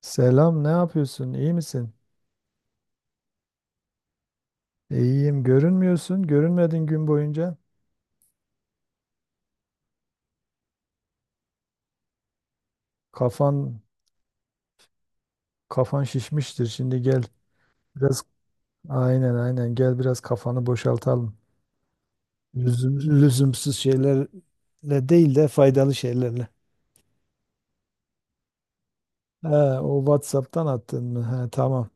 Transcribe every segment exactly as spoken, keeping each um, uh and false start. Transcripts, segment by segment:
Selam, ne yapıyorsun? İyi misin? E, İyiyim. Görünmüyorsun. Görünmedin gün boyunca. Kafan kafan şişmiştir. Şimdi gel biraz aynen aynen gel biraz kafanı boşaltalım. Lüzum, lüzumsuz şeylerle değil de faydalı şeylerle. He, o WhatsApp'tan attın mı? He, tamam.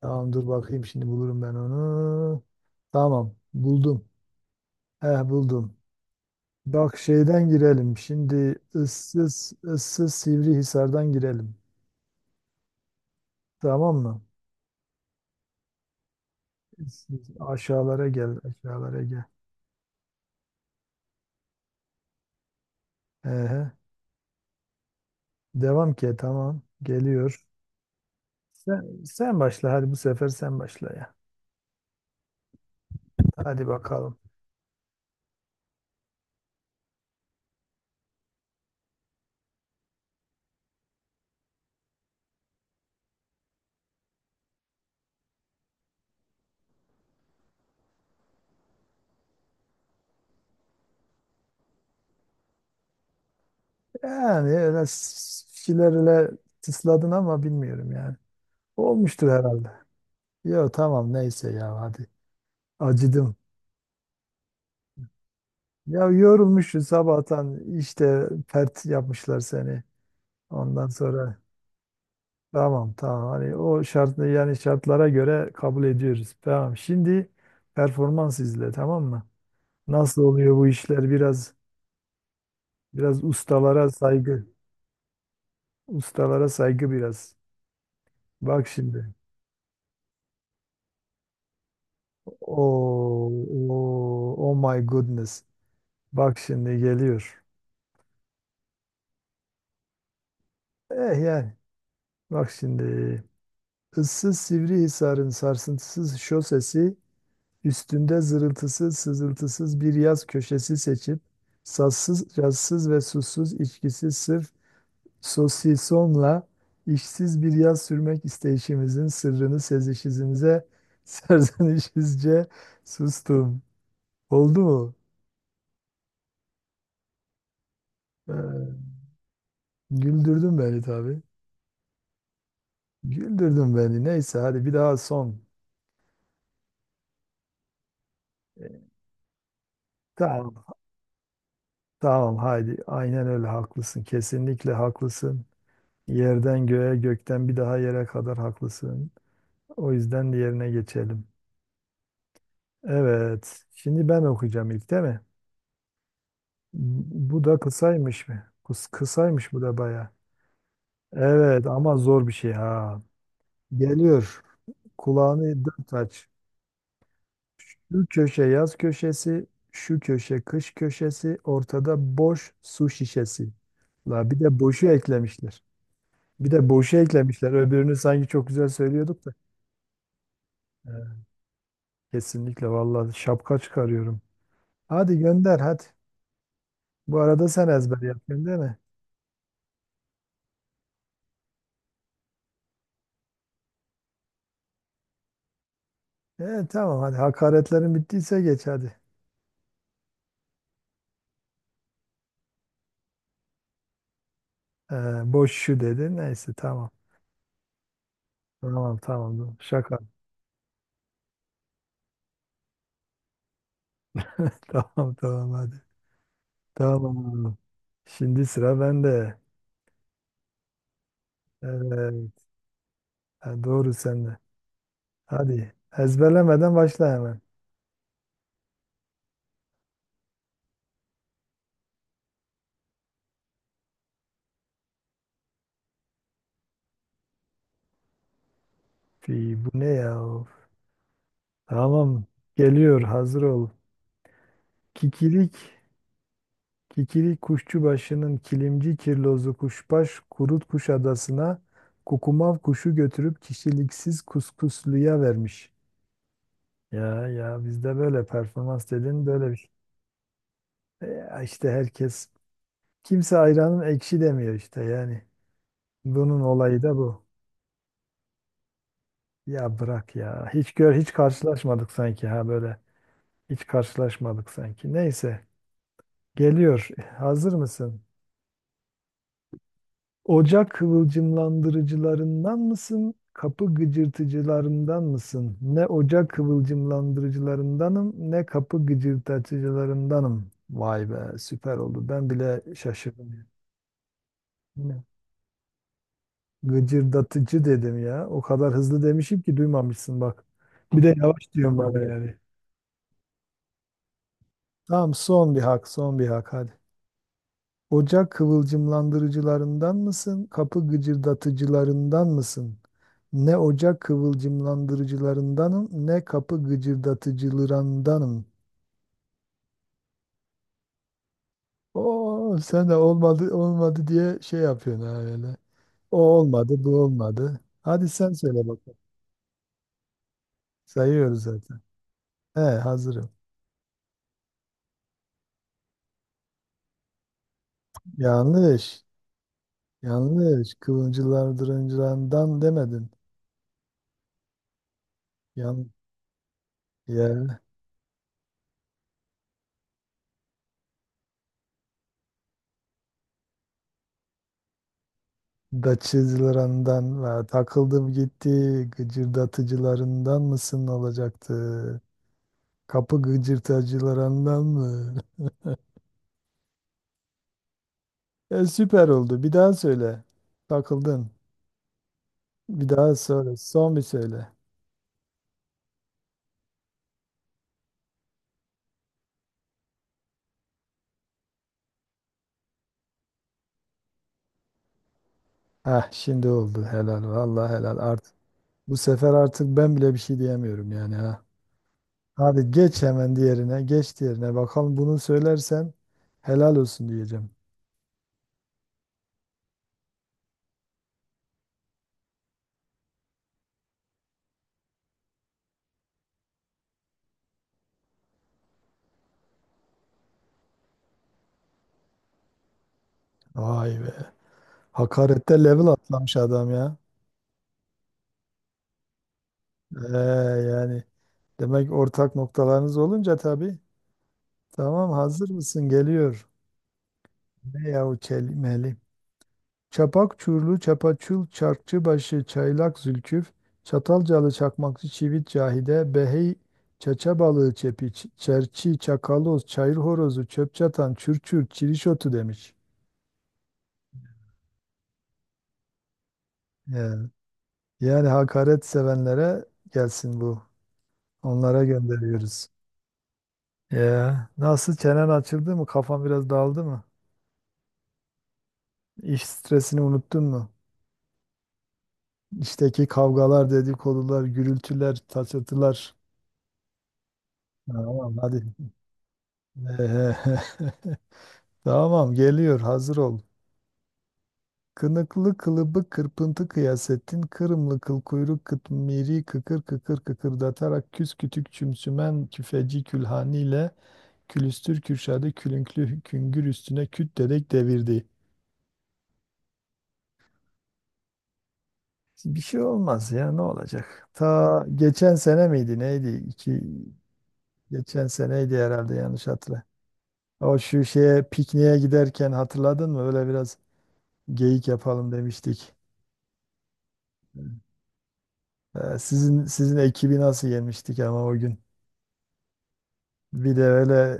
Tamam dur bakayım şimdi bulurum ben onu. Tamam buldum. He, buldum. Bak şeyden girelim. Şimdi ıssız ıssız Sivrihisar'dan girelim. Tamam mı? Siz aşağılara gel, aşağılara gel. Ehe. Devam ki tamam. Geliyor. Sen, sen başla hadi bu sefer sen başla ya. Hadi bakalım. Yani öyle s- tısladın ama bilmiyorum yani. Olmuştur herhalde. Yo tamam neyse ya hadi. Acıdım. Ya yorulmuşsun sabahtan işte pert yapmışlar seni. Ondan sonra. Tamam tamam, hani o şart yani şartlara göre kabul ediyoruz. Tamam şimdi performans izle tamam mı? Nasıl oluyor bu işler biraz biraz ustalara saygı. Ustalara saygı biraz. Bak şimdi. Oh, oh, oh my goodness. Bak şimdi geliyor. Eh yani bak şimdi. Issız Sivrihisar'ın sarsıntısız şosesi üstünde zırıltısız, sızıltısız bir yaz köşesi seçip, sassız, cazsız ve susuz içkisi sırf sosisonla işsiz bir yaz sürmek isteyişimizin sırrını sezişimize serzenişizce sustum. Oldu mu? Ee, güldürdün beni tabii. Güldürdün beni. Neyse hadi bir daha son. Ee, Tamam, tamam haydi. Aynen öyle haklısın. Kesinlikle haklısın. Yerden göğe, gökten bir daha yere kadar haklısın. O yüzden diğerine geçelim. Evet. Şimdi ben okuyacağım ilk değil mi? Bu da kısaymış mı? Kıs kısaymış bu da baya. Evet ama zor bir şey ha. Geliyor. Kulağını dört aç. Şu köşe yaz köşesi, şu köşe kış köşesi, ortada boş su şişesi. La bir de boşu eklemişler. Bir de boşu eklemişler. Öbürünü sanki çok güzel söylüyorduk da. Evet. Kesinlikle vallahi şapka çıkarıyorum. Hadi gönder hadi. Bu arada sen ezber yapıyorsun değil mi? E, tamam hadi hakaretlerin bittiyse geç hadi. E, boş şu dedi. Neyse tamam. Tamam, tamam, tamam. Şaka. Tamam tamam hadi. Tamam. Şimdi sıra bende. Evet. Ha, doğru sende. Hadi. Ezberlemeden başla hemen. Fi, bu ne ya? Of. Tamam. Geliyor. Hazır ol. Kikirik. Kikirik kuşçubaşının kilimci kirlozu kuşbaş kurut kuş adasına kukumav kuşu götürüp kişiliksiz kuskusluya vermiş. Ya ya bizde böyle performans dediğin böyle bir şey. E, Ya işte herkes kimse ayranın ekşi demiyor işte yani. Bunun olayı da bu. Ya bırak ya. Hiç gör hiç karşılaşmadık sanki ha böyle. Hiç karşılaşmadık sanki. Neyse geliyor. Hazır mısın? Ocak kıvılcımlandırıcılarından mısın? Kapı gıcırtıcılarından mısın? Ne ocak kıvılcımlandırıcılarındanım, ne kapı gıcırtıcılarındanım. Vay be, süper oldu. Ben bile şaşırdım. Ne? Gıcırdatıcı dedim ya. O kadar hızlı demişim ki duymamışsın bak. Bir de yavaş diyorum bana yani. Tamam son bir hak, son bir hak hadi. Ocak kıvılcımlandırıcılarından mısın? Kapı gıcırdatıcılarından mısın? Ne ocak kıvılcımlandırıcılarındanım, ne kapı gıcırdatıcılarındanım. Oo, sen de olmadı olmadı diye şey yapıyorsun ha öyle. O olmadı, bu olmadı. Hadi sen söyle bakalım. Sayıyoruz zaten. He, hazırım. Yanlış. Yanlış. Kıvılcılar dırıncılarından demedin. Yan ya da çizgilerandan ve takıldım gitti gıcırdatıcılarından mısın olacaktı. Kapı gıcırtacılarından mı? E, süper oldu. Bir daha söyle. Takıldın. Bir daha söyle. Son bir söyle. Heh şimdi oldu. Helal. Vallahi helal. Artık bu sefer artık ben bile bir şey diyemiyorum yani ha. Hadi geç hemen diğerine. Geç diğerine. Bakalım bunu söylersen helal olsun diyeceğim. Vay be. Hakarette level atlamış adam ya. Ee, yani demek ortak noktalarınız olunca tabii. Tamam hazır mısın? Geliyor. Ne yahu kelimeli. Çapak çurlu, çapaçul, çarkçı başı, çaylak zülküf, çatalcalı, çakmakçı, çivit, cahide, behey, çaça balığı, çepi, ç- çerçi, çakaloz, çayır horozu, çöp çatan, çürçür, çirişotu demiş. Yani, yani hakaret sevenlere gelsin bu. Onlara gönderiyoruz. Ya nasıl çenen açıldı mı? Kafan biraz dağıldı mı? İş stresini unuttun mu? İşteki kavgalar, dedikodular, gürültüler, taçatılar. Tamam hadi. Tamam geliyor hazır ol. Kınıklı kılıbık kırpıntı kıyasettin. Kırımlı kıl kuyruk kıtmiri kıkır kıkır kıkırdatarak küs kütük çümsümen küfeci külhaniyle külüstür kürşadı külünklü küngür üstüne küt dedek devirdi. Bir şey olmaz ya ne olacak? Ta geçen sene miydi neydi? İki, geçen seneydi herhalde yanlış hatırla. O şu şeye pikniğe giderken hatırladın mı? Öyle biraz geyik yapalım demiştik. Ee, sizin sizin ekibi nasıl yenmiştik ama o gün. Bir de öyle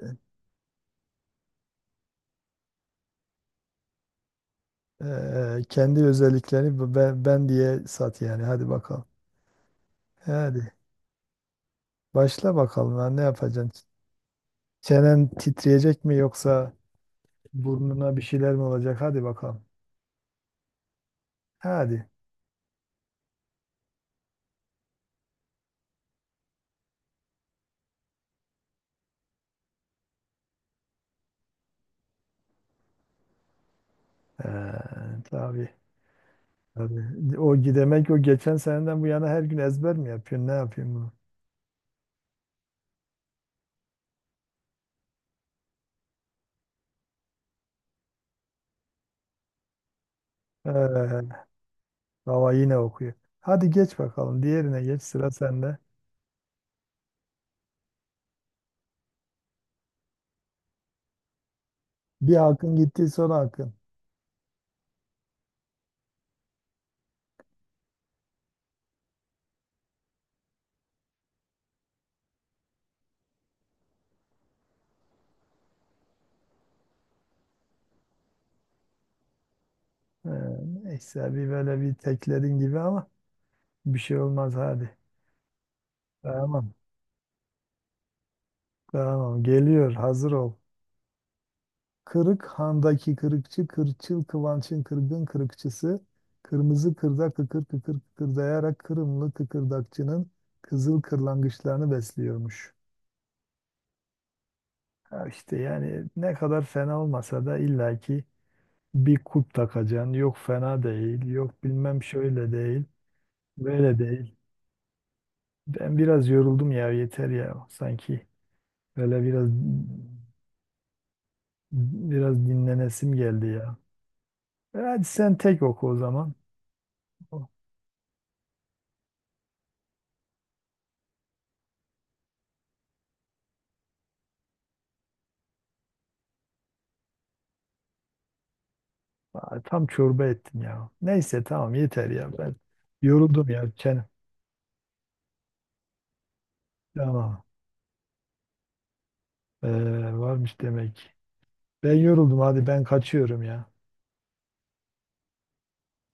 e, kendi özelliklerini bu- ben, ben diye sat yani. Hadi bakalım. Hadi başla bakalım ha, ne yapacaksın? Çenen titreyecek mi yoksa burnuna bir şeyler mi olacak? Hadi bakalım. Hadi. Ee, tabii. Tabii. O gidemek o geçen seneden bu yana her gün ezber mi yapıyorsun? Ne yapıyorsun bunu? Ee, baba yine okuyor. Hadi geç bakalım. Diğerine geç sıra sende. Bir hakkın gitti son hakkın. Ee, neyse bir böyle bir tekledin gibi ama bir şey olmaz hadi. Tamam. Tamam. Geliyor. Hazır ol. Kırık handaki kırıkçı, kırçıl kıvançın kırgın kırıkçısı, kırmızı kırda kıkır kıkır kıkırdayarak Kırımlı kıkırdakçının kızıl kırlangıçlarını besliyormuş. Ha işte yani ne kadar fena olmasa da illaki bir kulp takacaksın. Yok fena değil, yok bilmem şöyle değil, böyle değil. Ben biraz yoruldum ya yeter ya sanki. Böyle biraz biraz dinlenesim geldi ya. E Hadi sen tek oku o zaman. Aa, tam çorba ettin ya. Neyse tamam yeter ya. Ben yoruldum ya. Çenem. Tamam. Ee, varmış demek. Ben yoruldum. Hadi ben kaçıyorum ya.